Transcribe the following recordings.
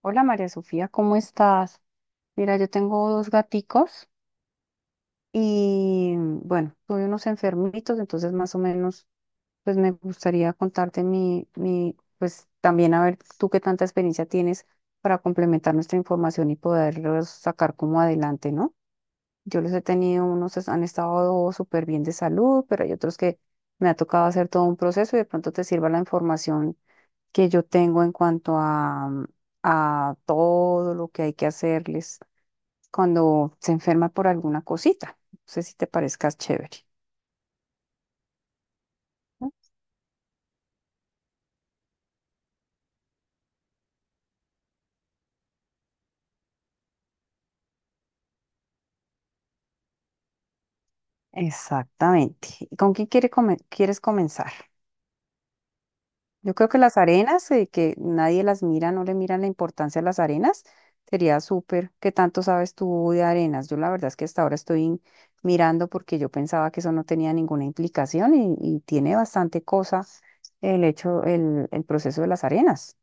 Hola María Sofía, ¿cómo estás? Mira, yo tengo dos gaticos y bueno, tuve unos enfermitos, entonces más o menos pues me gustaría contarte mi, pues también a ver tú qué tanta experiencia tienes para complementar nuestra información y poderlos sacar como adelante, ¿no? Yo los he tenido, unos han estado súper bien de salud, pero hay otros que me ha tocado hacer todo un proceso y de pronto te sirva la información que yo tengo en cuanto a, a todo lo que hay que hacerles cuando se enferma por alguna cosita. No sé si te parezcas chévere. ¿No? Exactamente. ¿Y ¿Con quién quiere come- quieres comenzar? Yo creo que las arenas, que nadie las mira, no le miran la importancia a las arenas, sería súper. ¿Qué tanto sabes tú de arenas? Yo la verdad es que hasta ahora estoy mirando porque yo pensaba que eso no tenía ninguna implicación y tiene bastante cosa el proceso de las arenas.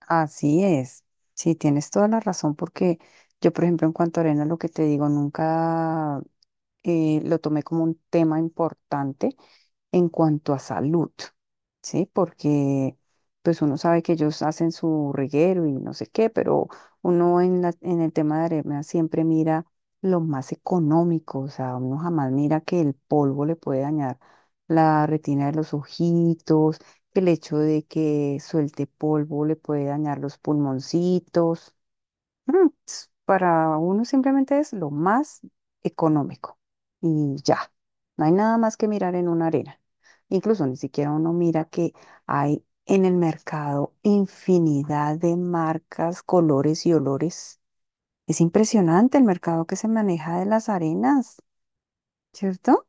Así es, sí, tienes toda la razón porque yo, por ejemplo, en cuanto a arena, lo que te digo, nunca lo tomé como un tema importante en cuanto a salud, ¿sí? Porque pues uno sabe que ellos hacen su reguero y no sé qué, pero uno en el tema de arena siempre mira lo más económico, o sea, uno jamás mira que el polvo le puede dañar la retina de los ojitos, que el hecho de que suelte polvo le puede dañar los pulmoncitos. Para uno simplemente es lo más económico y ya, no hay nada más que mirar en una arena. Incluso ni siquiera uno mira que hay en el mercado infinidad de marcas, colores y olores. Es impresionante el mercado que se maneja de las arenas, ¿cierto?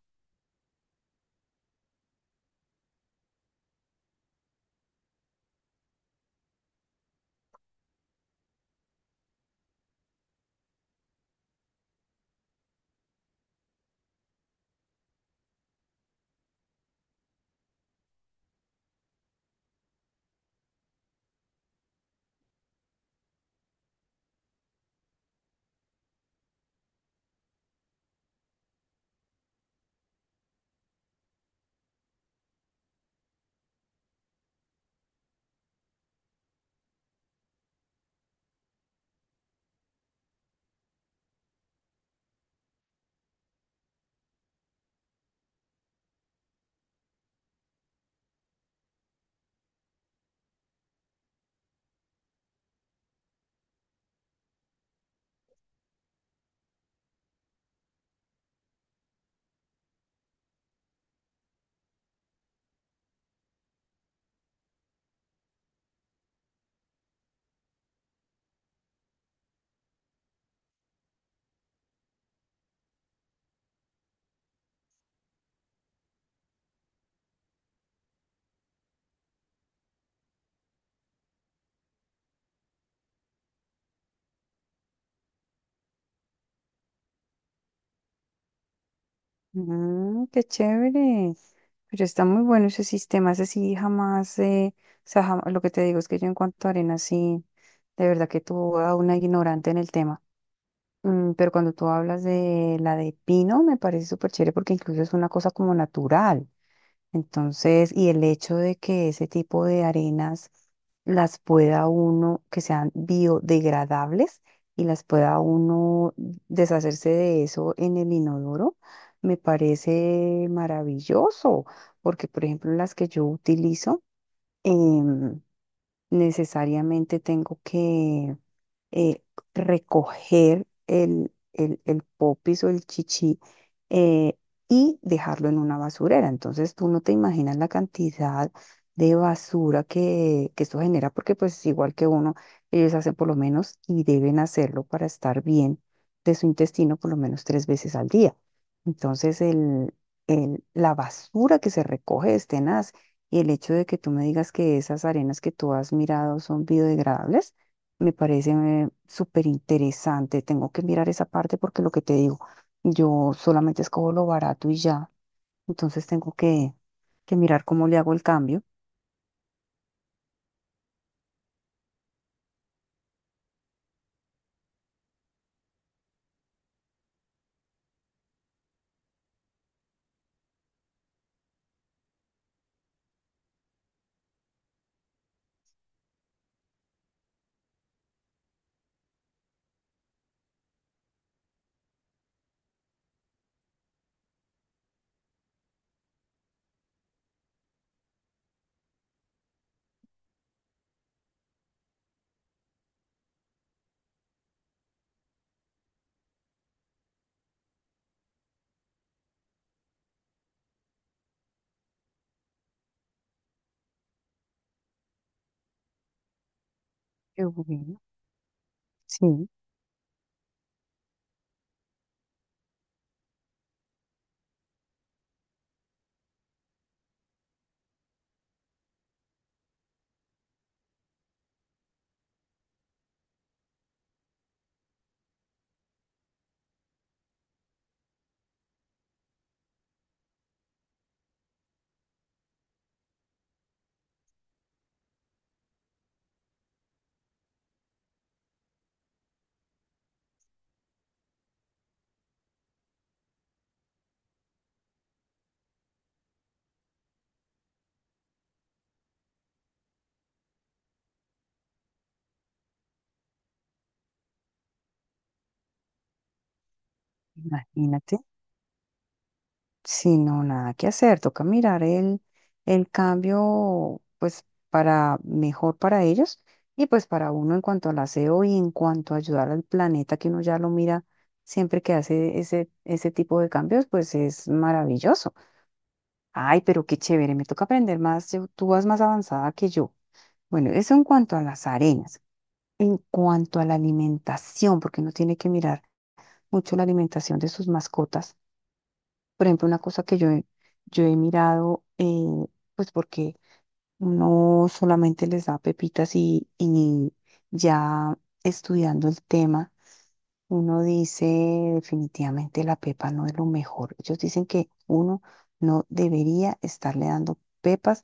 Mm, qué chévere. Pero está muy bueno ese sistema, ese sí jamás, o sea, lo que te digo es que yo en cuanto a arenas sí, de verdad que tú a una ignorante en el tema. Mm, pero cuando tú hablas de la de pino, me parece súper chévere porque incluso es una cosa como natural. Entonces, y el hecho de que ese tipo de arenas las pueda uno, que sean biodegradables y las pueda uno deshacerse de eso en el inodoro, me parece maravilloso porque, por ejemplo, las que yo utilizo, em, necesariamente tengo que eh, recoger el popis o el chichi, eh, y dejarlo en una basurera. Entonces tú no te imaginas la cantidad de basura que esto genera, porque pues igual que uno, ellos hacen por lo menos y deben hacerlo para estar bien de su intestino por lo menos tres veces al día. Entonces la basura que se recoge es tenaz. Y el hecho de que tú me digas que esas arenas que tú has mirado son biodegradables, me parece súper interesante. Tengo que mirar esa parte porque lo que te digo, yo solamente escojo lo barato y ya. Entonces tengo que, que mirar cómo le hago el cambio. Qué bueno. Sí, imagínate. Si no, nada que hacer. Toca mirar el cambio, pues, para mejor para ellos y pues para uno en cuanto al aseo y en cuanto a ayudar al planeta, que uno ya lo mira siempre que hace ese tipo de cambios, pues es maravilloso. Ay, pero qué chévere, me toca aprender más, tú vas más avanzada que yo. Bueno, eso en cuanto a las arenas. En cuanto a la alimentación, porque uno tiene que mirar mucho la alimentación de sus mascotas. Por ejemplo, una cosa que yo he mirado, pues porque no solamente les da pepitas y ya estudiando el tema. Uno dice, definitivamente la pepa no es lo mejor. Ellos dicen que uno no debería estarle dando pepas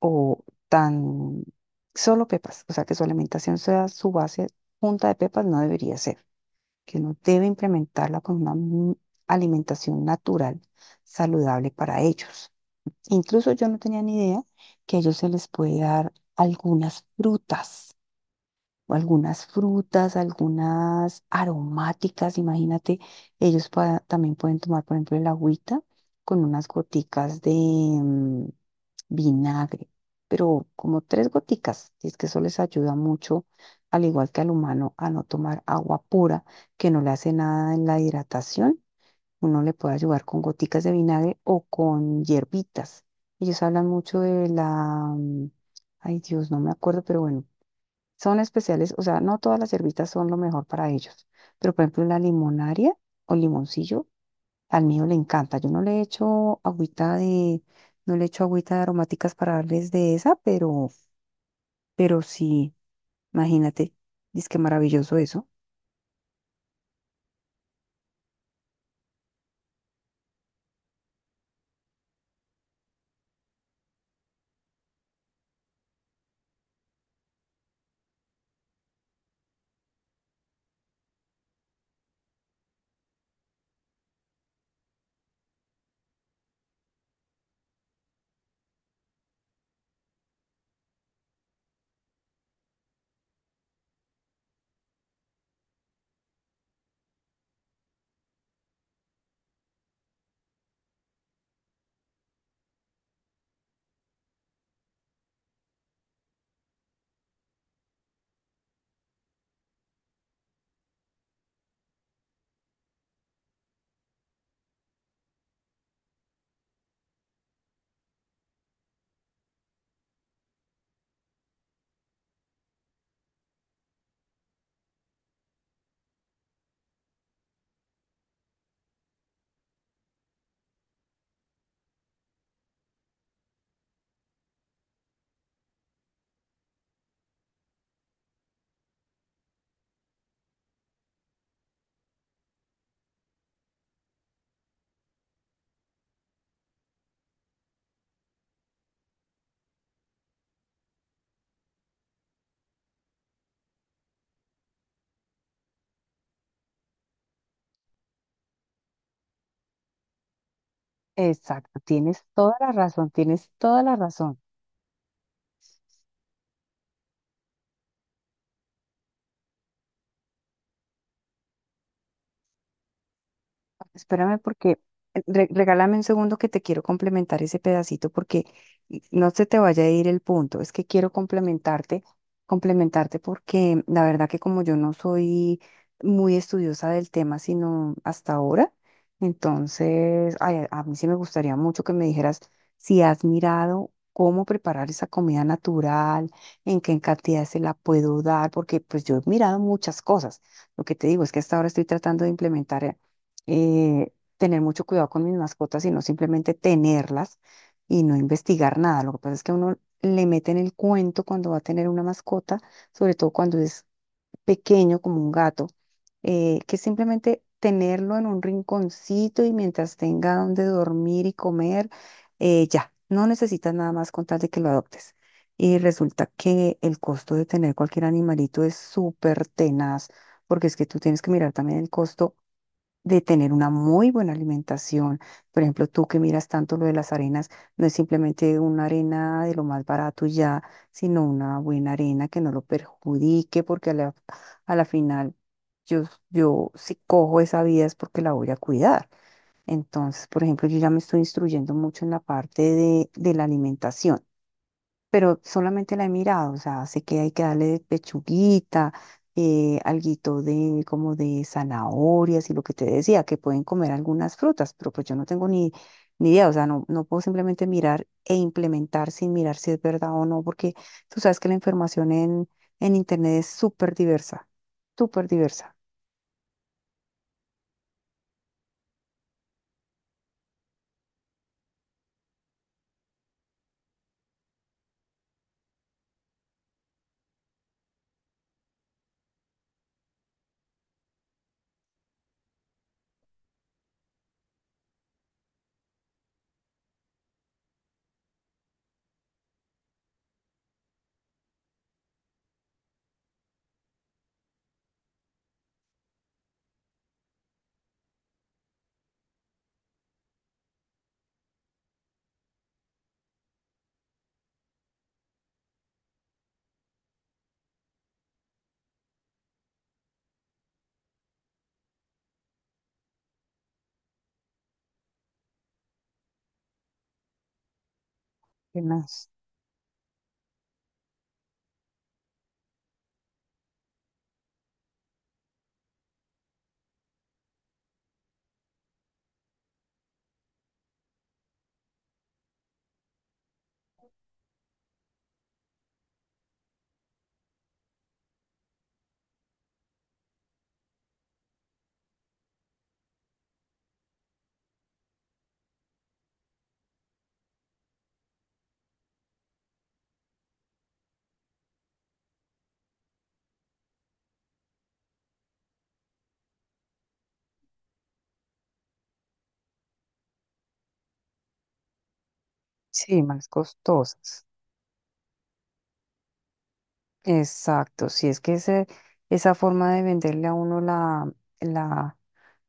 o tan solo pepas, o sea, que su alimentación sea su base junta de pepas, no debería ser, que uno debe implementarla con una alimentación natural, saludable para ellos. Incluso yo no tenía ni idea que a ellos se les puede dar algunas frutas o algunas frutas, algunas aromáticas, imagínate, ellos también pueden tomar, por ejemplo, el agüita con unas goticas de vinagre, pero como tres goticas, y es que eso les ayuda mucho, al igual que al humano, a no tomar agua pura, que no le hace nada en la hidratación, uno le puede ayudar con goticas de vinagre o con hierbitas. Ellos hablan mucho de la, mm, ay Dios, no me acuerdo, pero bueno son especiales, o sea, no todas las cervitas son lo mejor para ellos, pero por ejemplo la limonaria o limoncillo, al mío le encanta. Yo no le echo no le echo agüita de aromáticas para darles de esa, pero sí, imagínate, es que maravilloso eso. Exacto, tienes toda la razón, tienes toda la razón. Espérame porque regálame un segundo que te quiero complementar ese pedacito porque no se te vaya a ir el punto. Es que quiero complementarte porque la verdad que como yo no soy muy estudiosa del tema, sino hasta ahora, entonces ay, a mí sí me gustaría mucho que me dijeras si has mirado cómo preparar esa comida natural, en qué cantidad se la puedo dar, porque pues yo he mirado muchas cosas. Lo que te digo es que hasta ahora estoy tratando de implementar. Tener mucho cuidado con mis mascotas, sino simplemente tenerlas y no investigar nada. Lo que pasa es que a uno le mete en el cuento cuando va a tener una mascota, sobre todo cuando es pequeño como un gato, que simplemente tenerlo en un rinconcito y mientras tenga donde dormir y comer, ya, no necesitas nada más con tal de que lo adoptes. Y resulta que el costo de tener cualquier animalito es súper tenaz, porque es que tú tienes que mirar también el costo de tener una muy buena alimentación. Por ejemplo, tú que miras tanto lo de las arenas, no es simplemente una arena de lo más barato y ya, sino una buena arena que no lo perjudique, porque a la final yo, yo si cojo esa vida es porque la voy a cuidar. Entonces, por ejemplo, yo ya me estoy instruyendo mucho en la parte de la alimentación pero solamente la he mirado, o sea, sé que hay que darle pechuguita, alguito de como de zanahorias y lo que te decía, que pueden comer algunas frutas, pero pues yo no tengo ni idea, o sea, no puedo simplemente mirar e implementar sin mirar si es verdad o no, porque tú sabes que la información en internet es súper diversa, y más, sí, más costosas. Exacto, si es que esa forma de venderle a uno la,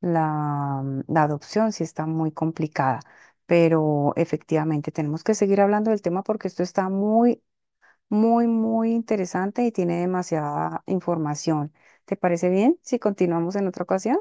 la la adopción sí está muy complicada, pero efectivamente tenemos que seguir hablando del tema porque esto está muy, muy, muy interesante y tiene demasiada información. ¿Te parece bien si continuamos en otra ocasión?